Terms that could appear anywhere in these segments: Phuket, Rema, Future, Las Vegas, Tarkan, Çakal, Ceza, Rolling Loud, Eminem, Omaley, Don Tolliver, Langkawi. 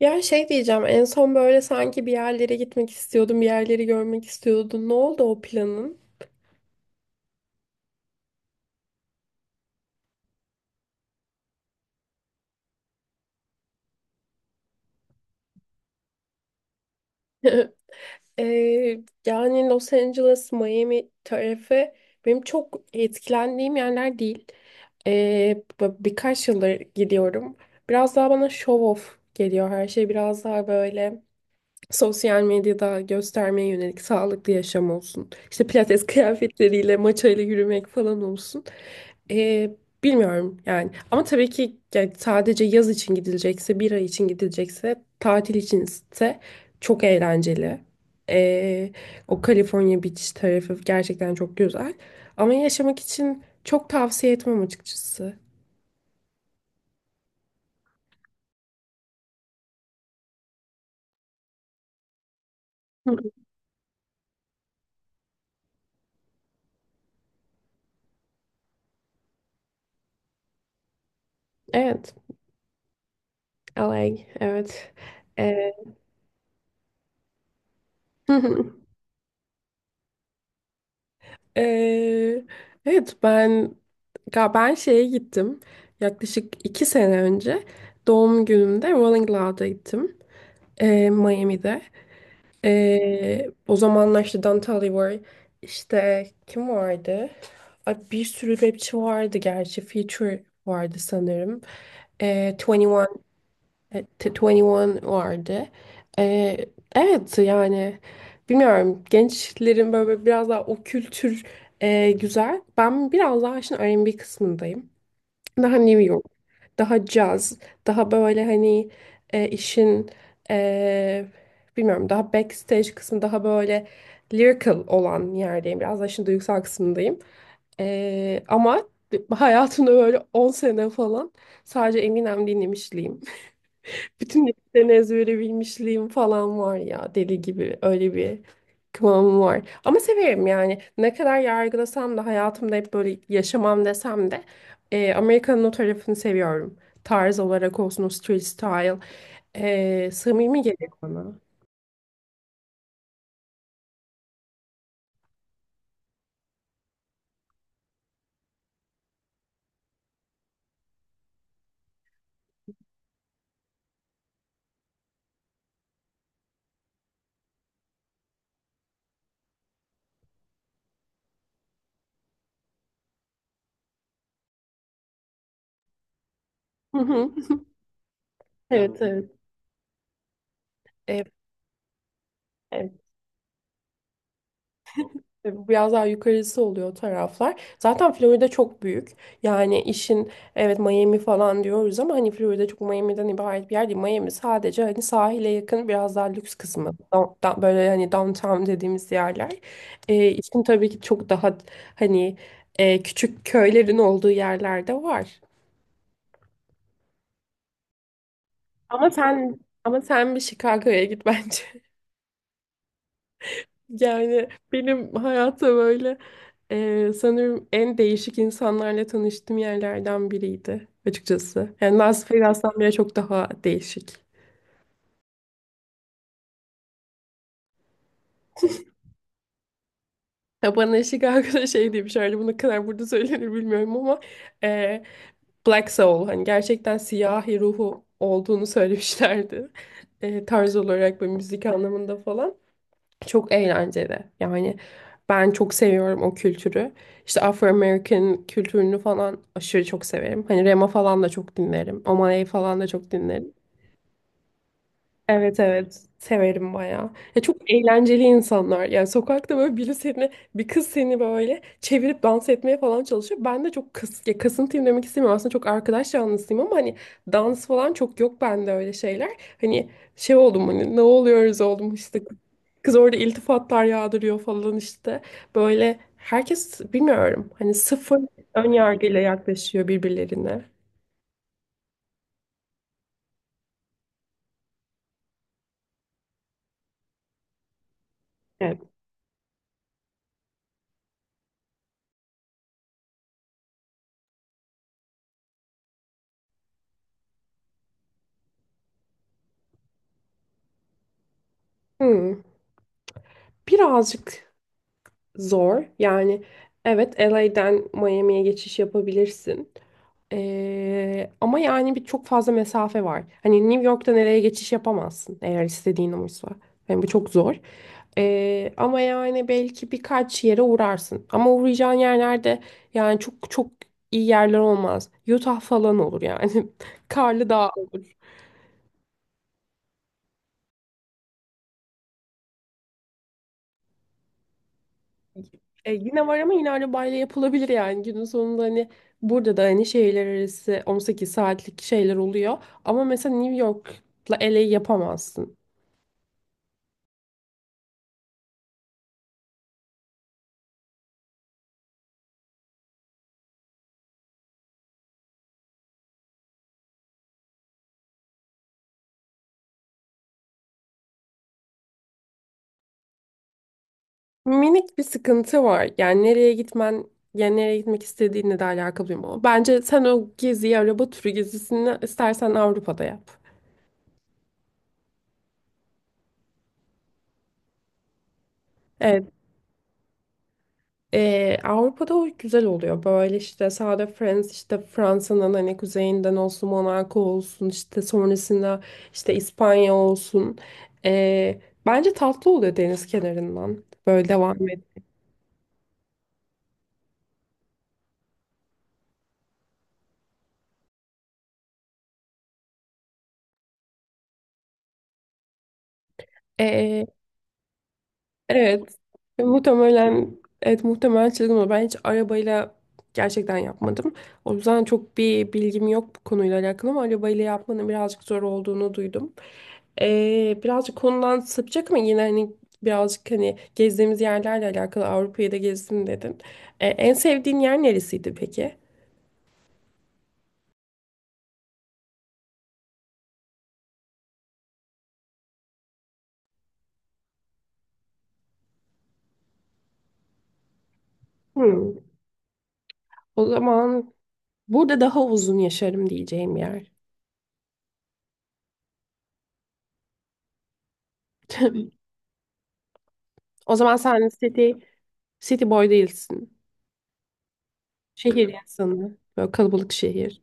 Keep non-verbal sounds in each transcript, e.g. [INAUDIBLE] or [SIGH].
Ya şey diyeceğim en son böyle sanki bir yerlere gitmek istiyordun, bir yerleri görmek istiyordun. Ne oldu o planın? [LAUGHS] Ee, Yani Los Angeles, Miami tarafı benim çok etkilendiğim yerler değil. Birkaç yıldır gidiyorum. Biraz daha bana show off geliyor her şey. Biraz daha böyle sosyal medyada göstermeye yönelik sağlıklı yaşam olsun. İşte pilates kıyafetleriyle, maçayla yürümek falan olsun. Ee, Bilmiyorum yani. Ama tabii ki yani sadece yaz için gidilecekse, bir ay için gidilecekse, tatil içinse çok eğlenceli. Ee, O California Beach tarafı gerçekten çok güzel. Ama yaşamak için çok tavsiye etmem açıkçası. Hı. Evet. LA, evet. Ee, [LAUGHS] Ee, evet, ben şeye gittim yaklaşık 2 sene önce doğum günümde Rolling Loud'a gittim, Miami'de. O zamanlar işte Don Tolliver var, işte kim vardı, Ay, bir sürü rapçi vardı, gerçi Future vardı sanırım. 21, 21 vardı. E, evet yani bilmiyorum, gençlerin böyle böyle biraz daha o kültür, güzel. Ben biraz daha işin R&B kısmındayım. Daha New York, daha caz, daha böyle hani, e, işin e, bilmiyorum, daha backstage kısmı, daha böyle lyrical olan yerdeyim. Biraz daha işin duygusal kısmındayım. Ama hayatımda böyle 10 sene falan sadece Eminem dinlemişliğim. Bütün listeleri ezbere bilmişliğim falan var ya, deli gibi öyle bir kıvamım var. Ama severim yani, ne kadar yargılasam da hayatımda hep böyle yaşamam desem de Amerika'nın o tarafını seviyorum. Tarz olarak olsun, o street style samimi geliyor bana. Hı hı. [LAUGHS] Evet, evet. Evet, evet. E, bu Biraz daha yukarısı oluyor o taraflar. Zaten Florida çok büyük. Yani işin evet Miami falan diyoruz ama hani Florida çok Miami'den ibaret bir yer değil. Miami sadece hani sahile yakın biraz daha lüks kısmı. Böyle hani downtown dediğimiz yerler. İşin tabii ki çok daha hani, küçük köylerin olduğu yerlerde var. Ama sen ama sen bir Chicago'ya git bence. Yani benim hayata böyle, sanırım en değişik insanlarla tanıştığım yerlerden biriydi açıkçası. Yani Las Vegas'tan bile çok daha değişik. Ya bana [LAUGHS] eşlik arkadaş şey demiş herhalde, bu ne kadar burada söylenir bilmiyorum ama, e, Black Soul, hani gerçekten siyahi ruhu olduğunu söylemişlerdi. Tarz olarak ve müzik anlamında falan. Çok eğlenceli. Yani ben çok seviyorum o kültürü. İşte Afro-American kültürünü falan aşırı çok severim. Hani Rema falan da çok dinlerim. Omaley falan da çok dinlerim. Evet, evet, severim bayağı. Ya çok eğlenceli insanlar. Yani sokakta böyle biri seni, bir kız seni böyle çevirip dans etmeye falan çalışıyor. Ben de çok ya, kasıntıyım demek istemiyorum. Aslında çok arkadaş canlısıyım ama hani dans falan çok yok bende, öyle şeyler. Hani şey oldum, hani ne oluyoruz oldum işte. Kız orada iltifatlar yağdırıyor falan işte. Böyle herkes bilmiyorum hani, sıfır ön yargıyla yaklaşıyor birbirlerine. Evet. Hmm, Birazcık zor. Yani evet, LA'den Miami'ye geçiş yapabilirsin. Ama yani bir çok fazla mesafe var. Hani New York'tan LA'ye geçiş yapamazsın, eğer istediğin oysa. Yani bu çok zor. Ama yani belki birkaç yere uğrarsın. Ama uğrayacağın yerlerde yani çok çok iyi yerler olmaz. Utah falan olur yani. [LAUGHS] Karlı dağ. Yine var ama yine arabayla yapılabilir yani, günün sonunda hani burada da hani şehirler arası 18 saatlik şeyler oluyor, ama mesela New York'la LA'yı yapamazsın. Minik bir sıkıntı var yani, nereye gitmen yani nereye gitmek istediğinle de alakalı, bilmiyorum ama bence sen o geziyi, araba turu gezisini istersen Avrupa'da yap. Evet. Avrupa'da o güzel oluyor. Böyle işte sağda Friends, işte Fransa'nın hani kuzeyinden olsun, Monaco olsun, işte sonrasında işte İspanya olsun. Ee, Bence tatlı oluyor deniz kenarından. Böyle devam et. Evet. Muhtemelen evet, muhtemelen çılgın olur. Ben hiç arabayla gerçekten yapmadım. O yüzden çok bir bilgim yok bu konuyla alakalı, ama arabayla yapmanın birazcık zor olduğunu duydum. Birazcık konudan sapacak ama yine hani, birazcık hani gezdiğimiz yerlerle alakalı, Avrupa'yı da gezdim dedin. En sevdiğin yer neresiydi peki? Hmm. O zaman burada daha uzun yaşarım diyeceğim yer. [LAUGHS] O zaman sen city boy değilsin. Şehir insanı. Böyle kalabalık şehir.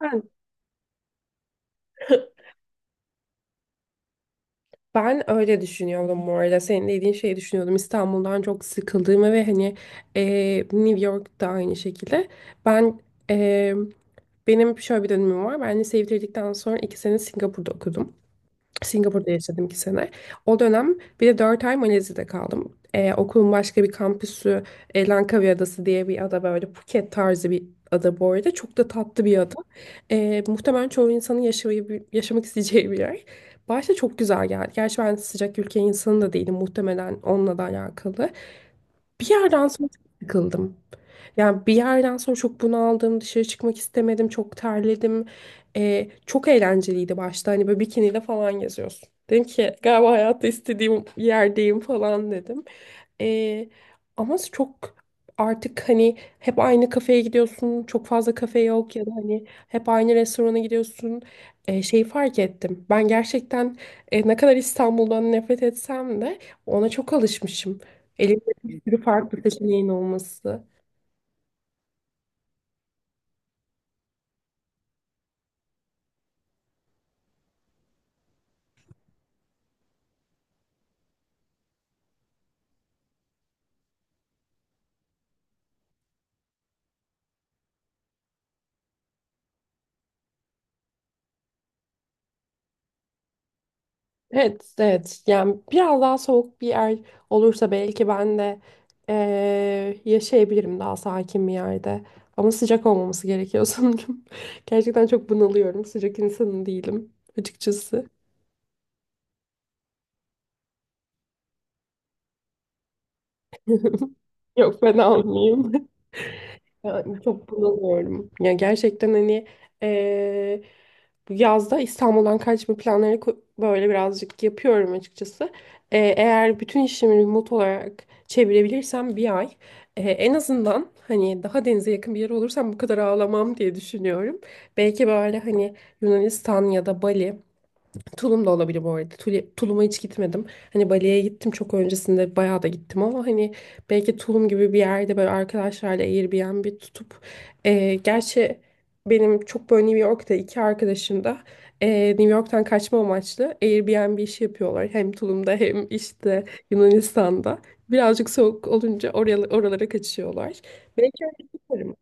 Ben, ben öyle düşünüyordum bu arada. Senin dediğin şeyi düşünüyordum. İstanbul'dan çok sıkıldığımı, ve hani, New York'ta aynı şekilde. Ben e, Benim şöyle bir dönemim var. Ben liseyi bitirdikten sonra 2 sene Singapur'da okudum. Singapur'da yaşadım 2 sene. O dönem bir de 4 ay Malezya'da kaldım. Okulun başka bir kampüsü, Langkawi Adası diye bir ada, böyle Phuket tarzı bir ada bu arada. Çok da tatlı bir ada. Muhtemelen çoğu insanın yaşamak isteyeceği bir yer. Başta çok güzel geldi. Gerçi ben sıcak ülke insanı da değilim, muhtemelen onunla da alakalı. Bir yerden sonra çok sıkıldım. Yani bir yerden sonra çok bunaldım, dışarı çıkmak istemedim, çok terledim. Çok eğlenceliydi başta, hani böyle bikiniyle falan geziyorsun. Dedim ki galiba hayatta istediğim yerdeyim falan dedim. Ee, Ama çok artık hani hep aynı kafeye gidiyorsun, çok fazla kafe yok, ya da hani hep aynı restorana gidiyorsun. Şeyi fark ettim. Ben gerçekten, ne kadar İstanbul'dan nefret etsem de ona çok alışmışım. Elimde bir sürü farklı seçeneğin olması. Evet, evet. Yani biraz daha soğuk bir yer olursa belki ben de, yaşayabilirim daha sakin bir yerde. Ama sıcak olmaması gerekiyor sanırım. [LAUGHS] Gerçekten çok bunalıyorum. Sıcak insanı değilim açıkçası. [LAUGHS] Yok, ben almayayım. [LAUGHS] Ya, çok bunalıyorum. Ya gerçekten hani, eee, bu yazda İstanbul'dan kaçma planları, böyle birazcık yapıyorum açıkçası. Eğer bütün işimi remote olarak çevirebilirsem bir ay, en azından hani daha denize yakın bir yer olursam bu kadar ağlamam diye düşünüyorum. Belki böyle hani Yunanistan ya da Bali. Tulum da olabilir bu arada. Tulum'a hiç gitmedim. Hani Bali'ye gittim çok öncesinde, bayağı da gittim ama hani, belki Tulum gibi bir yerde böyle arkadaşlarla Airbnb tutup, gerçi benim çok böyle New York'ta iki arkadaşım da, New York'tan kaçma amaçlı Airbnb işi yapıyorlar. Hem Tulum'da, hem işte Yunanistan'da. Birazcık soğuk olunca oralara kaçıyorlar. Belki öyle yaparım.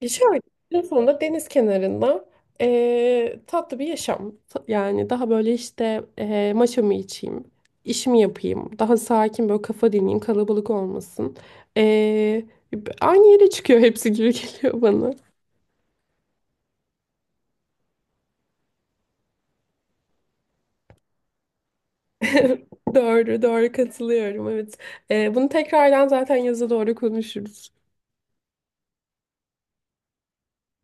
Şöyle, en sonunda deniz kenarında, tatlı bir yaşam. Yani daha böyle işte, maşamı içeyim, işimi yapayım, daha sakin böyle kafa dinleyeyim, kalabalık olmasın. Aynı yere çıkıyor hepsi gibi [LAUGHS] geliyor bana. [LAUGHS] Doğru, doğru, katılıyorum. Evet. Bunu tekrardan zaten yaza doğru konuşuruz.